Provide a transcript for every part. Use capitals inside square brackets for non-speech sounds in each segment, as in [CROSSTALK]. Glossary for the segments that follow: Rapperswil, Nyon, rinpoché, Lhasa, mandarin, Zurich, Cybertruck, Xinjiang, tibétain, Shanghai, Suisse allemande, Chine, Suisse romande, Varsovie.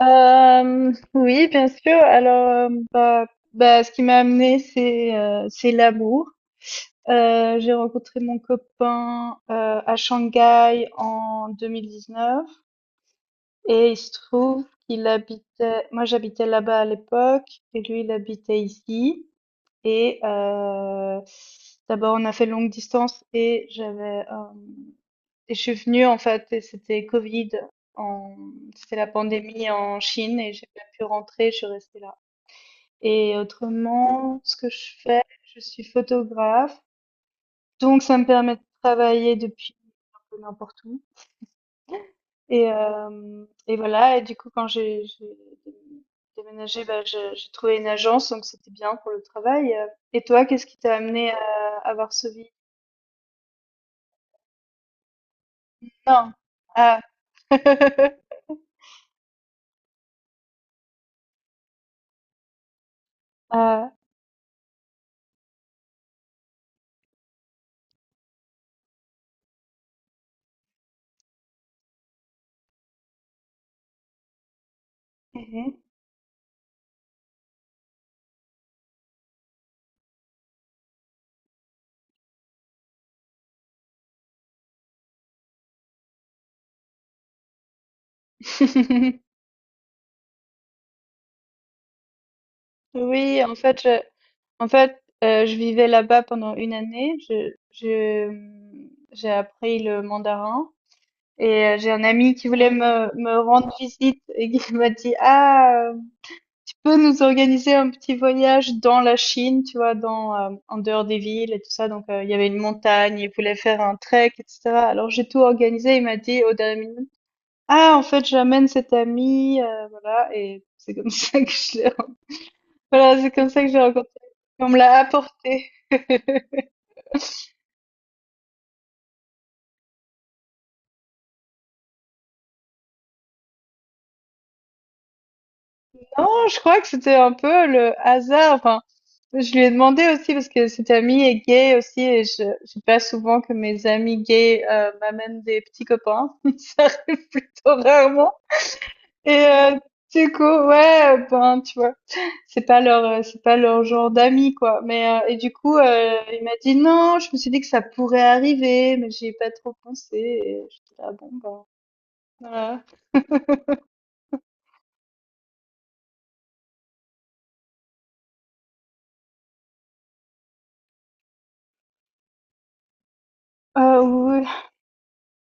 Oui, bien sûr. Alors, hem, bah bah, ce qui m'a amenée, c'est l'amour. J'ai rencontré mon copain, à Shanghai en 2019, et il se trouve qu'il habitait moi, j'habitais là-bas à l'époque, et lui, il habitait ici. Et d'abord, on a fait longue distance, et j'avais, hem et je suis venue, en fait, et c'était Covid, en... c'était la pandémie en Chine, et j'ai pas pu rentrer, je suis restée là. Et autrement, ce que je fais, je suis photographe, donc ça me permet de travailler depuis n'importe où. Et voilà, et du coup quand j'ai déménagé, bah, j'ai trouvé une agence, donc c'était bien pour le travail. Et toi, qu'est-ce qui t'a amené à Varsovie? Non. Ah. [LAUGHS] Ah. Mhm. [LAUGHS] Oui, en fait, je vivais là-bas pendant une année. J'ai appris le mandarin, et j'ai un ami qui voulait me rendre visite et qui [LAUGHS] m'a dit, ah, tu peux nous organiser un petit voyage dans la Chine, tu vois, en dehors des villes et tout ça. Donc, il y avait une montagne, il voulait faire un trek, etc. Alors, j'ai tout organisé. Il m'a dit au dernier minute, ah, en fait, j'amène cet ami, voilà, et c'est comme [LAUGHS] ça que je l'ai, voilà, c'est comme ça que j'ai rencontré, on me l'a apporté. [LAUGHS] Non, je crois que c'était un peu le hasard. Enfin, je lui ai demandé aussi, parce que cet ami est gay aussi, et je j'ai pas souvent que mes amis gays m'amènent des petits copains. [LAUGHS] Ça arrive plutôt rarement. Et du coup, ouais, ben tu vois, c'est pas leur genre d'amis quoi. Mais et du coup, il m'a dit non. Je me suis dit que ça pourrait arriver, mais j'y ai pas trop pensé. Et j'étais là, bon ben. Ouais. [LAUGHS] Euh, oui,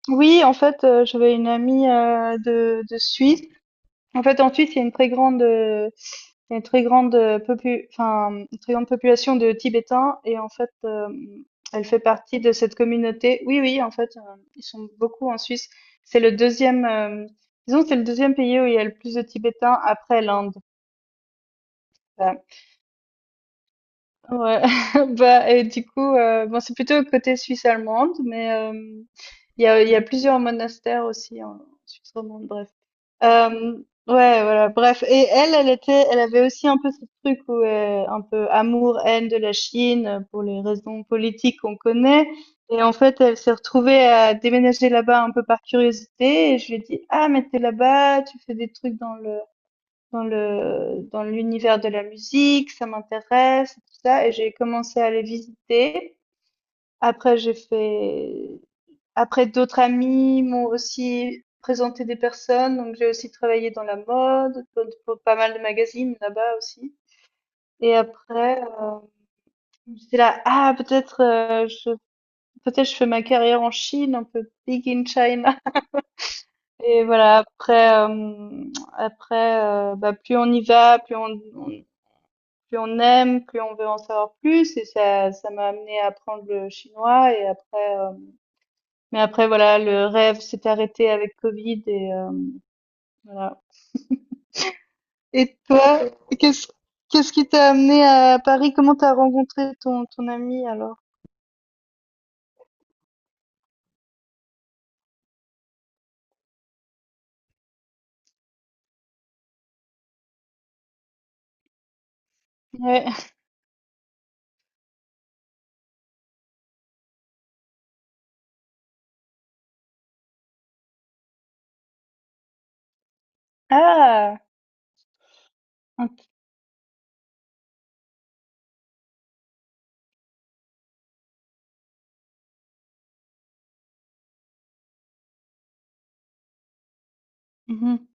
oui, en fait, j'avais une amie de Suisse. En fait, en Suisse, il y a une très grande enfin, une très grande population de Tibétains, et en fait, elle fait partie de cette communauté. Oui, oui, en fait, ils sont beaucoup en Suisse. C'est le deuxième, euh, Disons que c'est le deuxième pays où il y a le plus de Tibétains après l'Inde. Euh, Ouais, [LAUGHS] bah et du coup, bon, c'est plutôt côté Suisse allemande, mais il y a plusieurs monastères aussi en Suisse romande, bref. Euh, ouais, voilà, bref. Et elle, elle avait aussi un peu ce truc où un peu amour-haine de la Chine, pour les raisons politiques qu'on connaît. Et en fait, elle s'est retrouvée à déménager là-bas un peu par curiosité. Et je lui ai dit, ah, mais t'es là-bas, tu fais des trucs dans l'univers de la musique, ça m'intéresse, tout ça, et j'ai commencé à les visiter. Après, après d'autres amis m'ont aussi présenté des personnes, donc j'ai aussi travaillé dans la mode, pour pas mal de magazines là-bas aussi. Et après, j'étais là, ah peut-être, je fais ma carrière en Chine, un peu big in China. [LAUGHS] Et voilà, après, bah, plus on y va, plus on aime, plus on veut en savoir plus, et ça m'a amené à apprendre le chinois. Et après mais après, voilà, le rêve s'est arrêté avec Covid, et voilà. Et toi, qu'est-ce qu'est-ce qui t'a amené à Paris? Comment t'as rencontré ton ami alors? Ouais. Ah, ok. Mhm.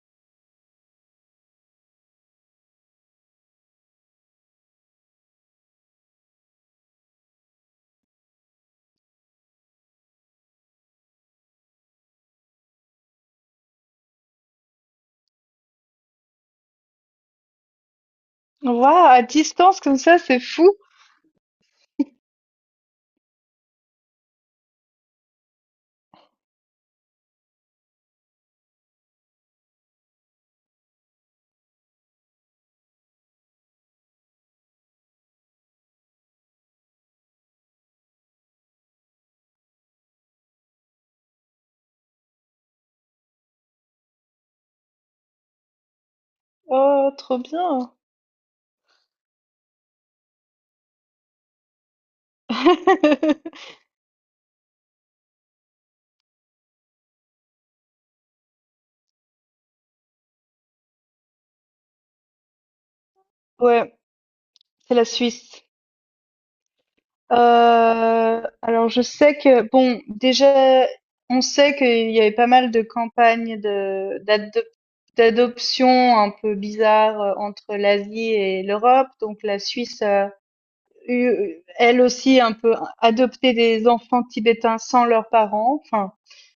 Waouh, à distance comme ça, c'est fou. Oh, trop bien. [LAUGHS] Ouais, c'est la Suisse. Alors je sais que bon, déjà, on sait qu'il y avait pas mal de campagnes de d'adop d'adoption un peu bizarres, entre l'Asie et l'Europe. Donc la Suisse a eu, elle aussi, un peu adopté des enfants tibétains sans leurs parents. Enfin,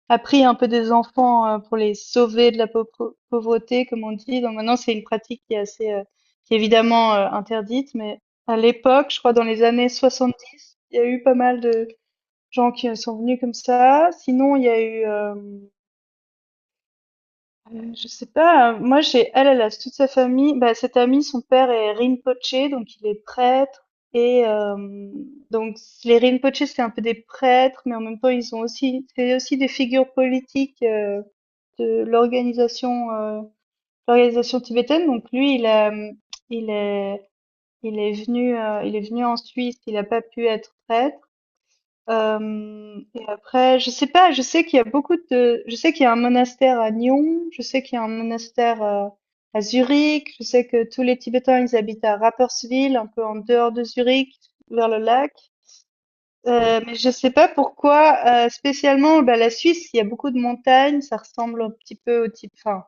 après, il y a pris un peu des enfants, pour les sauver de la paupre pauvreté, comme on dit. Donc maintenant, c'est une pratique qui est évidemment, interdite, mais à l'époque, je crois dans les années 70, il y a eu pas mal de gens qui, sont venus comme ça. Sinon, il y a eu, je sais pas, moi j'ai elle, elle a toute sa famille bah, cette amie, son père est rinpoché, donc il est prêtre, et donc les rinpochés, c'est un peu des prêtres, mais en même temps, ils ont aussi c'est aussi des figures politiques, de l'organisation tibétaine. Donc lui, il est il est venu en Suisse. Il n'a pas pu être prêtre. Et après, je sais pas. Je sais qu'il y a beaucoup de. Je sais qu'il y a un monastère à Nyon. Je sais qu'il y a un monastère à Zurich. Je sais que tous les Tibétains ils habitent à Rapperswil, un peu en dehors de Zurich, vers le lac. Mais je sais pas pourquoi spécialement, bah, la Suisse, il y a beaucoup de montagnes, ça ressemble un petit peu au type, enfin,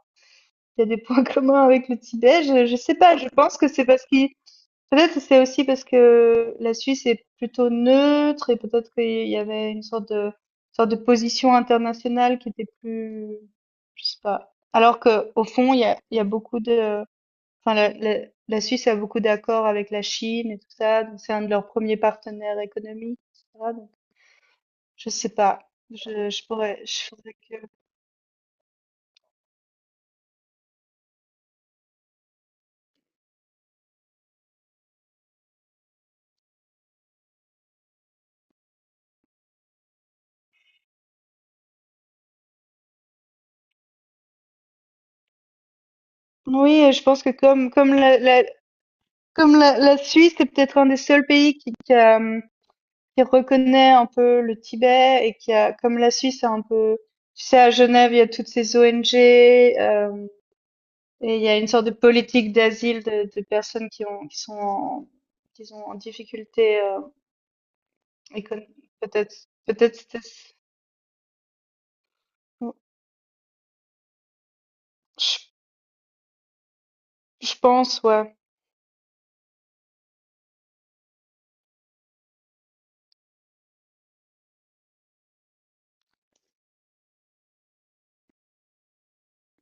il y a des points [LAUGHS] communs avec le Tibet. Je sais pas, je pense que c'est parce qu'il. Peut-être c'est aussi parce que la Suisse est plutôt neutre, et peut-être qu'il y avait une sorte de position internationale qui était plus. Je sais pas. Alors que au fond, il y a beaucoup de. Enfin, la Suisse a beaucoup d'accords avec la Chine et tout ça. Donc c'est un de leurs premiers partenaires économiques, etc. Donc, je sais pas. Je pourrais, je faudrait que. Oui, je pense que comme la Suisse est peut-être un des seuls pays qui reconnaît un peu le Tibet, et comme la Suisse a un peu, tu sais, à Genève, il y a toutes ces ONG, et il y a une sorte de politique d'asile de, personnes qui sont en difficulté, économique. Peut-être, peut-être, je, je pense, ouais.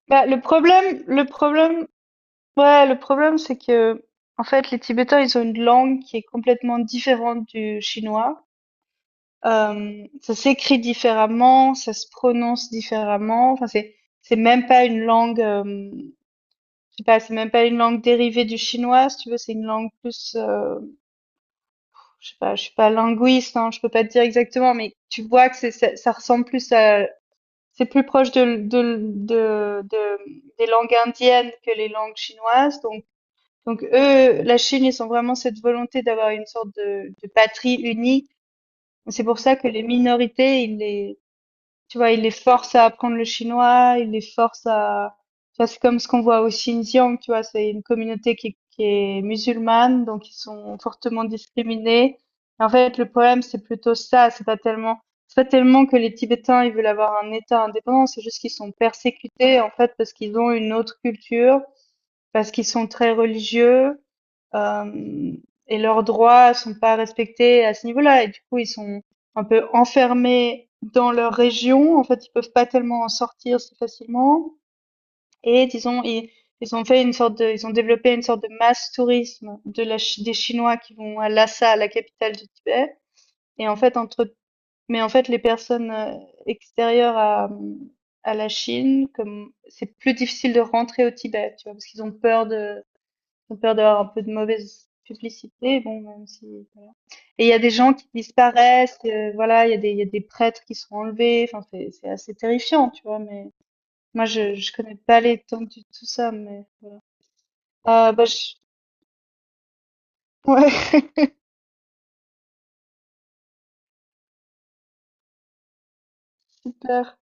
Bah, le problème, ouais, c'est que, en fait, les Tibétains, ils ont une langue qui est complètement différente du chinois. Ça s'écrit différemment, ça se prononce différemment, enfin c'est même pas une langue, je sais pas, c'est même pas une langue dérivée du chinois si tu veux, c'est une langue plus, je sais pas, je suis pas linguiste, hein, je peux pas te dire exactement, mais tu vois que c'est ça ça ressemble plus à c'est plus proche de de des langues indiennes que les langues chinoises. Donc eux, la Chine, ils ont vraiment cette volonté d'avoir une sorte de patrie unie. C'est pour ça que les minorités, ils les, tu vois, il les force à apprendre le chinois, il les force à, tu vois, c'est comme ce qu'on voit au Xinjiang, tu vois, c'est une communauté qui est musulmane, donc ils sont fortement discriminés. En fait, le problème, c'est plutôt ça, c'est pas tellement que les Tibétains, ils veulent avoir un État indépendant, c'est juste qu'ils sont persécutés, en fait, parce qu'ils ont une autre culture, parce qu'ils sont très religieux, euh, et leurs droits sont pas respectés à ce niveau-là. Et du coup, ils sont un peu enfermés dans leur région. En fait, ils peuvent pas tellement en sortir si facilement. Et disons, ils ont développé une sorte de masse tourisme des Chinois qui vont à Lhasa, la capitale du Tibet. Et en fait, mais en fait, les personnes extérieures à, la Chine, comme c'est plus difficile de rentrer au Tibet, tu vois, parce qu'ils ont peur d'avoir un peu de mauvaise publicité, bon, même si... Et il y a des gens qui disparaissent, voilà, il y a des prêtres qui sont enlevés, enfin, c'est assez terrifiant, tu vois, mais moi, je connais pas l'étendue de tout ça, mais... Ah, bah, je... ouais, [LAUGHS] super.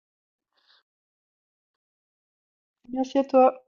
Merci à toi.